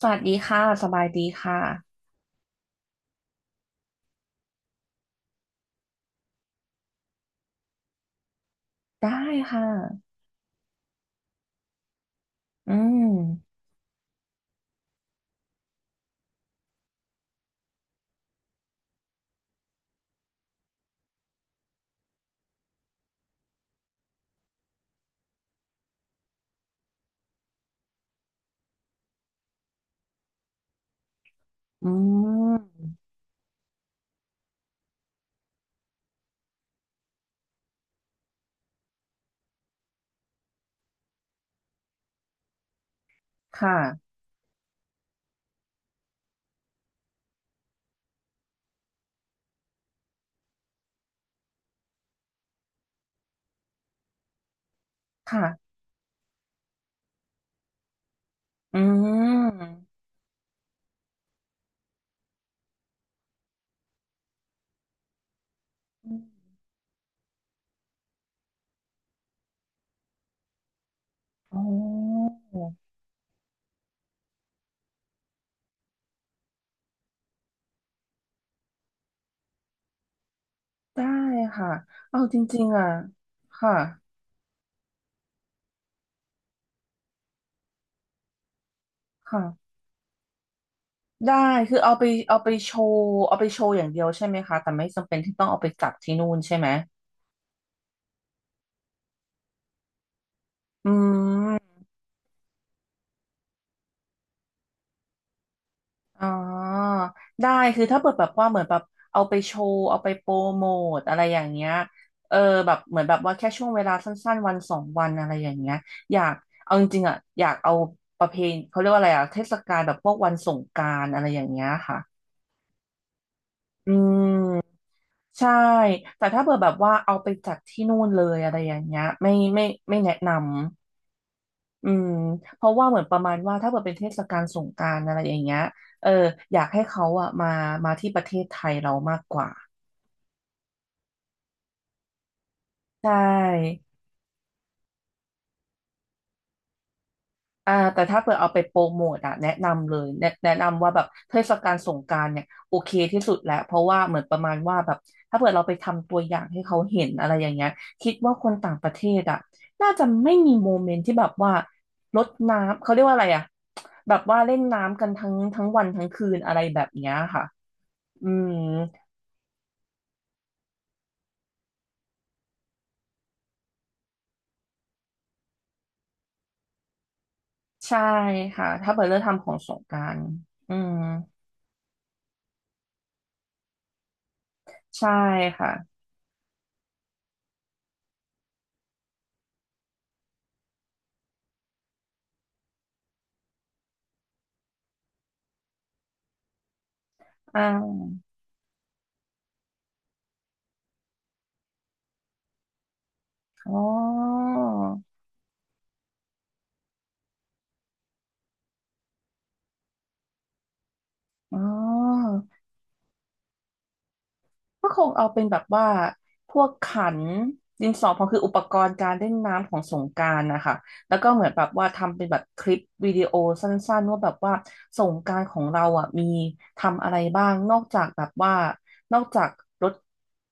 สวัสดีค่ะสบายดีค่ะได้ค่ะอืมอืมค่ะค่ะอืมอืมอ๋อได้ค่ะเอาจริงๆอ่ะค่ะค่ะได้คือเอาไปโชว์เอาไปโชว์อย่างเดียวใช่ไหมคะแต่ไม่จำเป็นที่ต้องเอาไปจับที่นู่นใช่ไหมอืม อ๋อได้คือถ้าเปิดแบบว่าเหมือนแบบเอาไปโชว์เอาไปโปรโมทอะไรอย่างเงี้ยเออแบบเหมือนแบบว่าแค่ช่วงเวลาสั้นๆวันสองวันอะไรอย่างเงี้ยอยากเอาจริงๆอ่ะอยากเอาประเพณีเขาเรียกว่าอะไรอ่ะเทศกาลแบบพวกวันสงกรานต์อะไรอย่างเงี้ยค่ะอืมใช่แต่ถ้าเปิดแบบว่าเอาไปจัดที่นู่นเลยอะไรอย่างเงี้ยไม่ไม่แนะนำ อืมเพราะว่าเหมือนประมาณว่าถ้าเกิดเป็นเทศกาลสงกรานต์อะไรอย่างเงี้ยเอออยากให้เขาอะมาที่ประเทศไทยเรามากกว่าใช่อ่าแต่ถ้าเกิดเอาไปโปรโมทอะแนะนำเลยแนะนำว่าแบบเทศกาลสงกรานต์เนี่ยโอเคที่สุดแล้วเพราะว่าเหมือนประมาณว่าแบบถ้าเกิดเราไปทำตัวอย่างให้เขาเห็นอะไรอย่างเงี้ยคิดว่าคนต่างประเทศอะน่าจะไม่มีโมเมนต์ที่แบบว่ารดน้ำเขาเรียกว่าอะไรอะแบบว่าเล่นน้ำกันทั้งวันทั้งคืนอะไรแบบเนี้ยค่ะอืม ใช่ค่ะถ้าเปิดเลือกทำของสงกรานต์อืมใช่ค่ะอ่าอ๋ออ๋อ ก็คงเอาเป็นแบบว่าพวกขันดินสอพองคืออุปกรณ์การเล่นน้ำของสงกรานต์นะคะแล้วก็เหมือนแบบว่าทำเป็นแบบคลิปวิดีโอสั้นๆว่าแบบว่าสงกรานต์ของเราอ่ะมีทำอะไรบ้างนอกจากแบบว่านอกจากรถ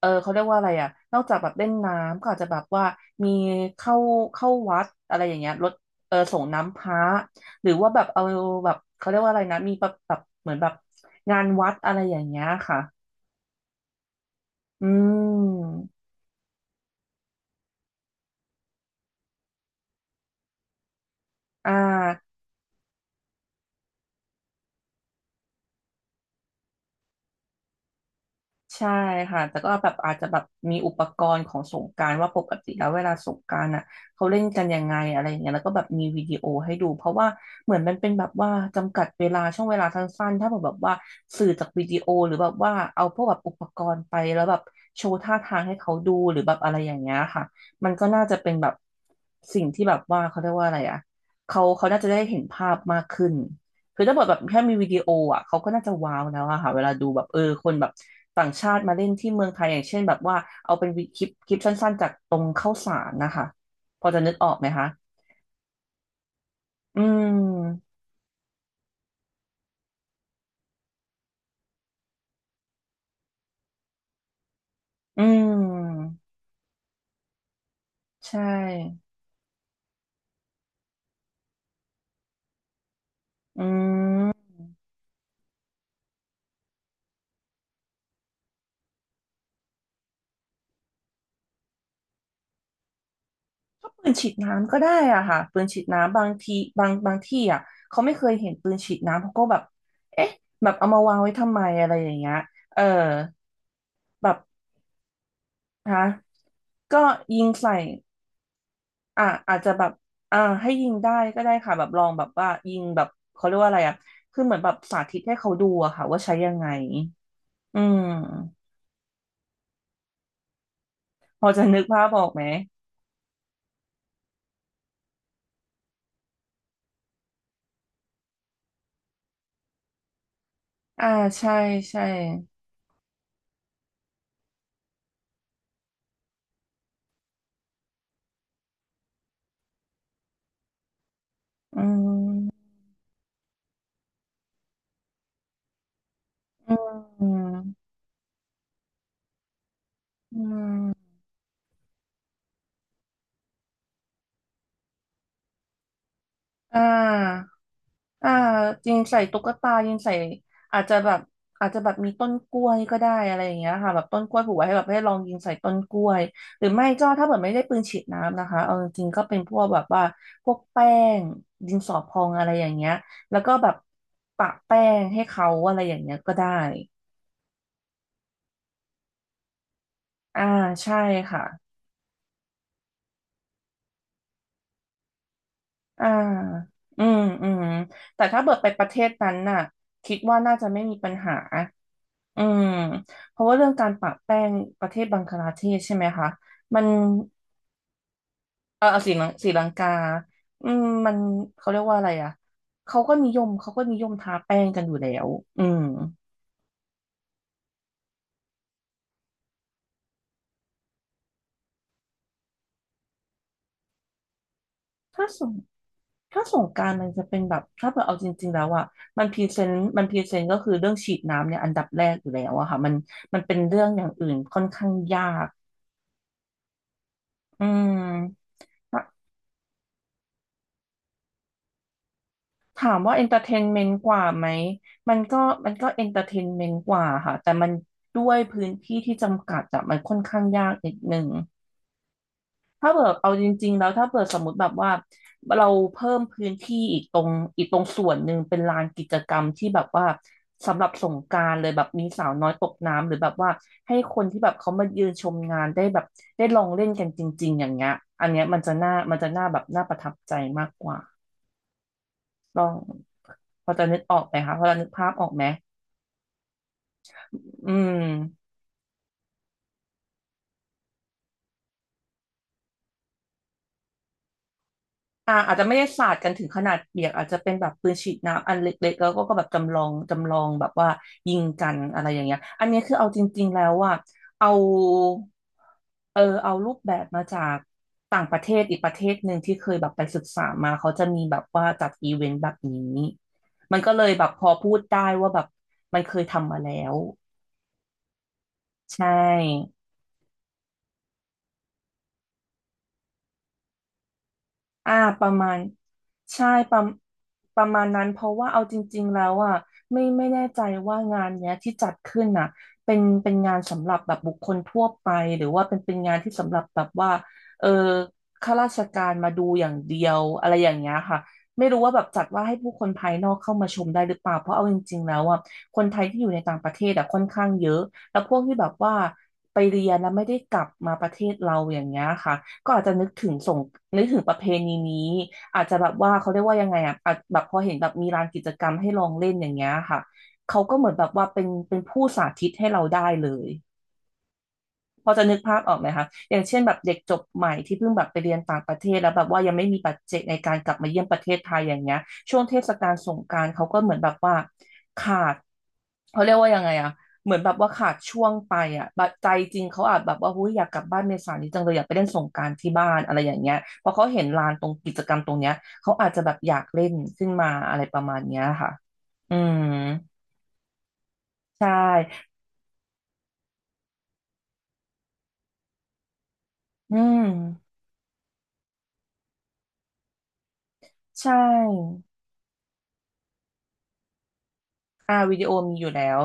เออเขาเรียกว่าอะไรอ่ะนอกจากแบบเล่นน้ำก็อาจจะแบบว่ามีเข้าเข้าวัดอะไรอย่างเงี้ยรถเออส่งน้ำพระหรือว่าแบบเอาแบบเขาเรียกว่าอะไรนะมีแบบเหมือนแบบงานวัดอะไรอย่างเงี้ยค่ะ อืม อ่าใช่ค่ะแต่ก็แบบอาจจะแบบมีอุปกรณ์ของสงกรานต์ว่าปกติแล้วเวลาสงกรานต์อ่ะเขาเล่นกันยังไงอะไรอย่างเงี้ยแล้วก็แบบมีวิดีโอให้ดูเพราะว่าเหมือนมันเป็นแบบว่าจำกัดเวลาช่วงเวลาสั้นๆถ้าแบบว่าสื่อจากวิดีโอหรือแบบว่าเอาพวกแบบอุปกรณ์ไปแล้วแบบโชว์ท่าทางให้เขาดูหรือแบบอะไรอย่างเงี้ยค่ะมันก็น่าจะเป็นแบบสิ่งที่แบบว่าเขาเรียกว่าอะไรอ่ะเขาน่าจะได้เห็นภาพมากขึ้น คือถ้าบทแบบแค่มีวิดีโออ่ะเขาก็น่าจะว้าวแล้วอะค่ะเวลาดูแบบเออคนแบบต่างชาติมาเล่นที่เมืองไทยอย่างเช่นแบบว่าเอาเป็นวิคลิปสั้นๆจากตรงข้าวสารนะคะพอจะนึกออกไหมคะอืมอืมใช่อืมก็ปืนฉีดน้ำก็ได้อ่ะค่ะปืนฉีดน้ำบางทีบางที่อ่ะเขาไม่เคยเห็นปืนฉีดน้ำเขาก็แบบเอ๊ะแบบเอามาวางไว้ทำไมอะไรอย่างเงี้ยเออแบบฮะก็ยิงใส่ อ่าอาจจะแบบอ่าให้ยิงได้ก็ได้ค่ะแบบลองแบบว่ายิงแบบเขาเรียกว่าอะไรอ่ะคือเหมือนแบบสาธิตให้เขาดูอะค่ะว่าใช้ยังไงอืมพอจะนึกภาพออกไหมอ่าใช่ใช่อืมอืมอืมอ่า อ่ายิงใส่ตุ๊กตายิงใส่อาจจะแบบอาจจะแบบมีต้นกล้วยก็ได้อะไรอย่างเงี้ยค่ะแบบต้นกล้วยผูกไว้ให้แบบให้ลองยิงใส่ต้นกล้วยหรือไม่ก็ถ้าเกิดไม่ได้ปืนฉีดน้ำนะคะเอาจริงๆก็เป็นพวกแบบว่าพวกแป้งดินสอพองอะไรอย่างเงี้ยแล้วก็แบบปะแป้งให้เขาอะไรอย่างเงี้ยก็ได้อ่าใช่ค่ะอ่าอืมอืมแต่ถ้าเบิดไปประเทศนั้นน่ะคิดว่าน่าจะไม่มีปัญหา อืมเพราะว่าเรื่องการปะแป้งประเทศบังคลาเทศใช่ไหมคะมันเออศรีลังกาอืมมันเขาเรียกว่าอะไรอ่ะเขาก็นิยมทาแป้งกันอยู่แล้วอืมถ้าสงถ้าสงกรานต์มันจะเป็นแบบถ้าเกิดเอาจริงๆแล้วอ่ะมันพรีเซนต์ก็คือเรื่องฉีดน้ำเนี่ยอันดับแรกอยู่แล้วอะค่ะมันเป็นเรื่องอย่างอื่นค่อนข้างยากอืม ถามว่าเอนเตอร์เทนเมนต์กว่าไหมมันก็เอนเตอร์เทนเมนต์กว่าค่ะแต่มันด้วยพื้นที่ที่จำกัดอะมันค่อนข้างยากนิดหนึ่ง ถ้าเกิดเอาจริงๆแล้วถ้าเกิดสมมติแบบว่าเราเพิ่มพื้นที่อีกตรงอีกตรงส่วนหนึ่งเป็นลานกิจกรรมที่แบบว่าสำหรับสงกรานต์เลยแบบมีสาวน้อยตกน้ำหรือแบบว่าให้คนที่แบบเขามายืนชมงานได้แบบได้ลองเล่นกันจริงๆอย่างเงี้ยอันเนี้ยมันจะน่ามันจะน่าแบบน่าประทับใจมากกว่า ลองพอจะนึกออกไหมคะพอจะนึกภาพออกไหมอืมอ่าอาจจะไม่ได้สาดกันถึงขนาดเปียกอาจจะเป็นแบบปืนฉีดน้ำอันเล็กๆแล้วก็แบบจำลองแบบว่ายิงกันอะไรอย่างเงี้ยอันนี้คือเอาจริงๆแล้วว่าเอาเอารูปแบบมาจากต่างประเทศอีกประเทศหนึ่งที่เคยแบบไปศึกษามาเขาจะมีแบบว่าจัดอีเวนต์แบบนี้ มันก็เลยแบบพอพูดได้ว่าแบบมันเคยทำมาแล้วใช่ อ่าประมาณใช่ประประมาณนั้นเพราะว่าเอาจริงๆแล้วอ่ะไม่แน่ใจว่างานเนี้ยที่จัดขึ้นน่ะเป็นงานสำหรับแบบบุคคลทั่วไปหรือว่าเป็นงานที่สำหรับแบบว่าเออข้าราชการมาดูอย่างเดียวอะไรอย่างเงี้ยค่ะไม่รู้ว่าแบบจัดว่าให้ผู้คนภายนอกเข้ามาชมได้หรือเปล่าเพราะเอาจริงๆแล้วอ่ะคนไทยที่อยู่ในต่างประเทศอ่ะค่อนข้างเยอะแล้วพวกที่แบบว่าไปเรียนแล้วไม่ได้กลับมาประเทศเราอย่างเงี้ยค่ะ ก็อาจจะนึกถึงส่งนึกถึงประเพณีนี้อาจจะแบบว่าเขาเรียกว่ายังไงอ่ะอาจแบบพอเห็นแบบมีลานกิจกรรมให้ลองเล่นอย่างเงี้ยค่ะเขาก็เหมือนแบบว่าเป็นผู้สาธิตให้เราได้เลยพอจะนึกภาพออกไหมคะอย่างเช่นแบบเด็กจบใหม่ที่เพิ่งแบบไปเรียนต่างประเทศแล้วแบบว่ายังไม่มีปัจเจกในการกลับมาเยี่ยมประเทศไทยอย่างเงี้ยช่วงเทศกาลสงกรานต์เขาก็เหมือนแบบว่าขาด เขาเรียกว่ายังไงอะเหมือนแบบว่าขาดช่วงไปอะแบบใจจริงเขาอาจแบบว่าหุ้ยอยากกลับบ้านเมษานี้จังเลยอยากไปเล่นสงกรานต์ที่บ้านอะไรอย่างเงี้ยพอเขาเห็นลานตรงกิจกรรมตรงเนี้ยเขาอาจจะแบบอยากเล่นขึ้นมาอะไรประมาณเนี้ยค่ะอืมใช่อืมใช่อ่าวิดีโอมีอยู่แล้ว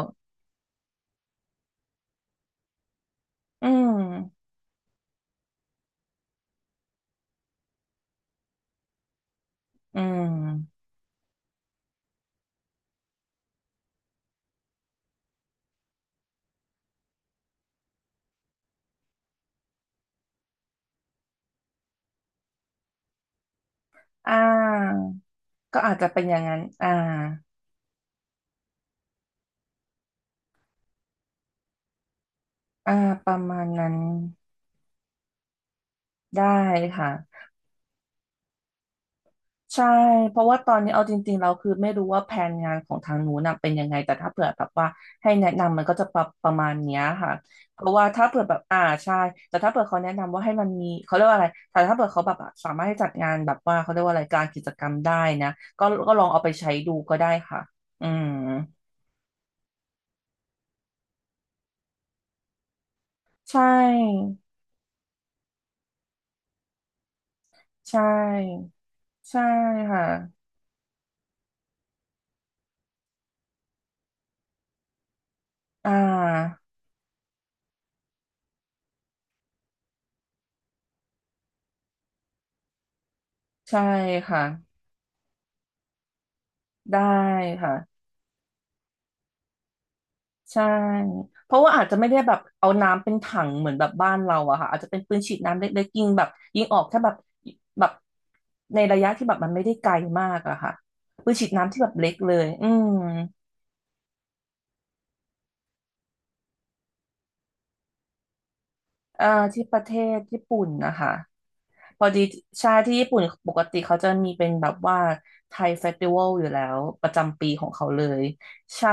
อืมอืมอ่าก็อาจจะเป็นอย่างนั้นอ่าอ่าประมาณนั้นได้ค่ะ ใช่เพราะว่าตอนนี้เอาจริงๆเราคือไม่รู้ว่าแผนงานของทางนู้นน่ะเป็นยังไง แต่ถ้าเผื่อแบบว่าให้แนะนำมันก็จะประประมาณเนี้ยค่ะเพราะว่าถ้าเผื่อแบบอ่าใช่แต่ถ้าเผื่อเขาแนะนำว่าให้มันมีเขาเรียกว่าอะไรแต่ถ้าเผื่อเขาแบบอ่ะสามารถให้จัดงานแบบว่าเขาเรียกว่าอะไรกลารกิจกรรมได้นะก็ลองเอาไปใช้ดูก็ได้ค่ะอืมใช่ ใช่ใช่ค่ะอ่าใช่ค่ะได้ค่ะ ใช่ เพราะว่าอาจจะไม่ได้แบบเอาน้ำเป็นถังเหมือนแบบบ้านเราอะค่ะอาจจะเป็นปืนฉีดน้ำเล็กๆยิงแบบยิงออกแค่แบบแบบในระยะที่แบบมันไม่ได้ไกลมากอะค่ะปืนฉีดน้ำที่แบบเล็กเลยอืมเอ่อที่ประเทศญี่ปุ่นนะคะพอดีใช่ที่ญี่ปุ่นปกติเขาจะมีเป็นแบบว่าไทยเฟสติวัลอยู่แล้วประจำปีของเขาเลยใช่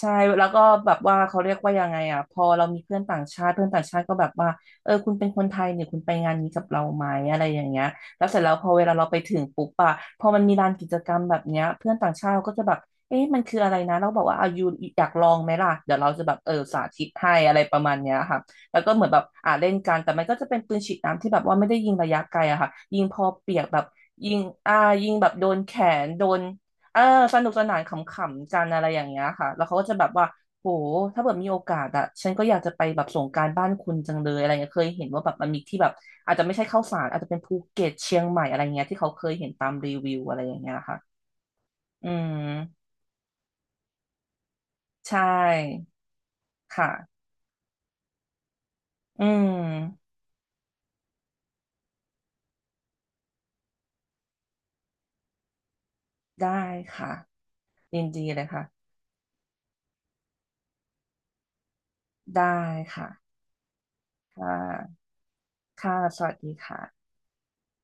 ใช่แล้วก็แบบว่าเขาเรียกว่ายังไงอ่ะพอเรามีเพื่อนต่างชาติเพื่อนต่างชาติก็แบบว่าคุณเป็นคนไทยเนี่ยคุณไปงานนี้กับเราไหมอะไรอย่างเงี้ยแล้วเสร็จแล้วพอเวลาเราไปถึงปุ๊บอะพอมันมีลานกิจกรรมแบบเนี้ยเพื่อนต่างชาติเขาก็จะแบบเอ๊ะมันคืออะไรนะเราบอกว่าอายุอยากลองไหมล่ะเดี๋ยวเราจะแบบสาธิตให้อะไรประมาณเนี้ยค่ะแล้วก็เหมือนแบบอ่าเล่นกันแต่มันก็จะเป็นปืนฉีดน้ำที่แบบว่าไม่ได้ยิงระยะไกลอะค่ะยิงพอเปียกแบบยิงอ่ายิงแบบโดนแขนโดน เออสนุกสนานขำๆกันอะไรอย่างเงี้ยค่ะแล้วเขาก็จะแบบว่าโหถ้าเกิดมีโอกาสอะฉันก็อยากจะไปแบบสงกรานต์บ้านคุณจังเลยอะไรเงี้ยเคยเห็นว่าแบบมันมีที่แบบอาจจะไม่ใช่เข้าวสารอาจจะเป็นภูเก็ตเชียงใหม่อะไรเงี้ยที่เขาเคยเห็นตามรีวิวอะไรอย่างเงี้ยค่ะอืมใช่ค่ะอืมได้ค่ะยินดีเลยค่ะได้ค่ะค่ะค่ะสวัสดีค่ะ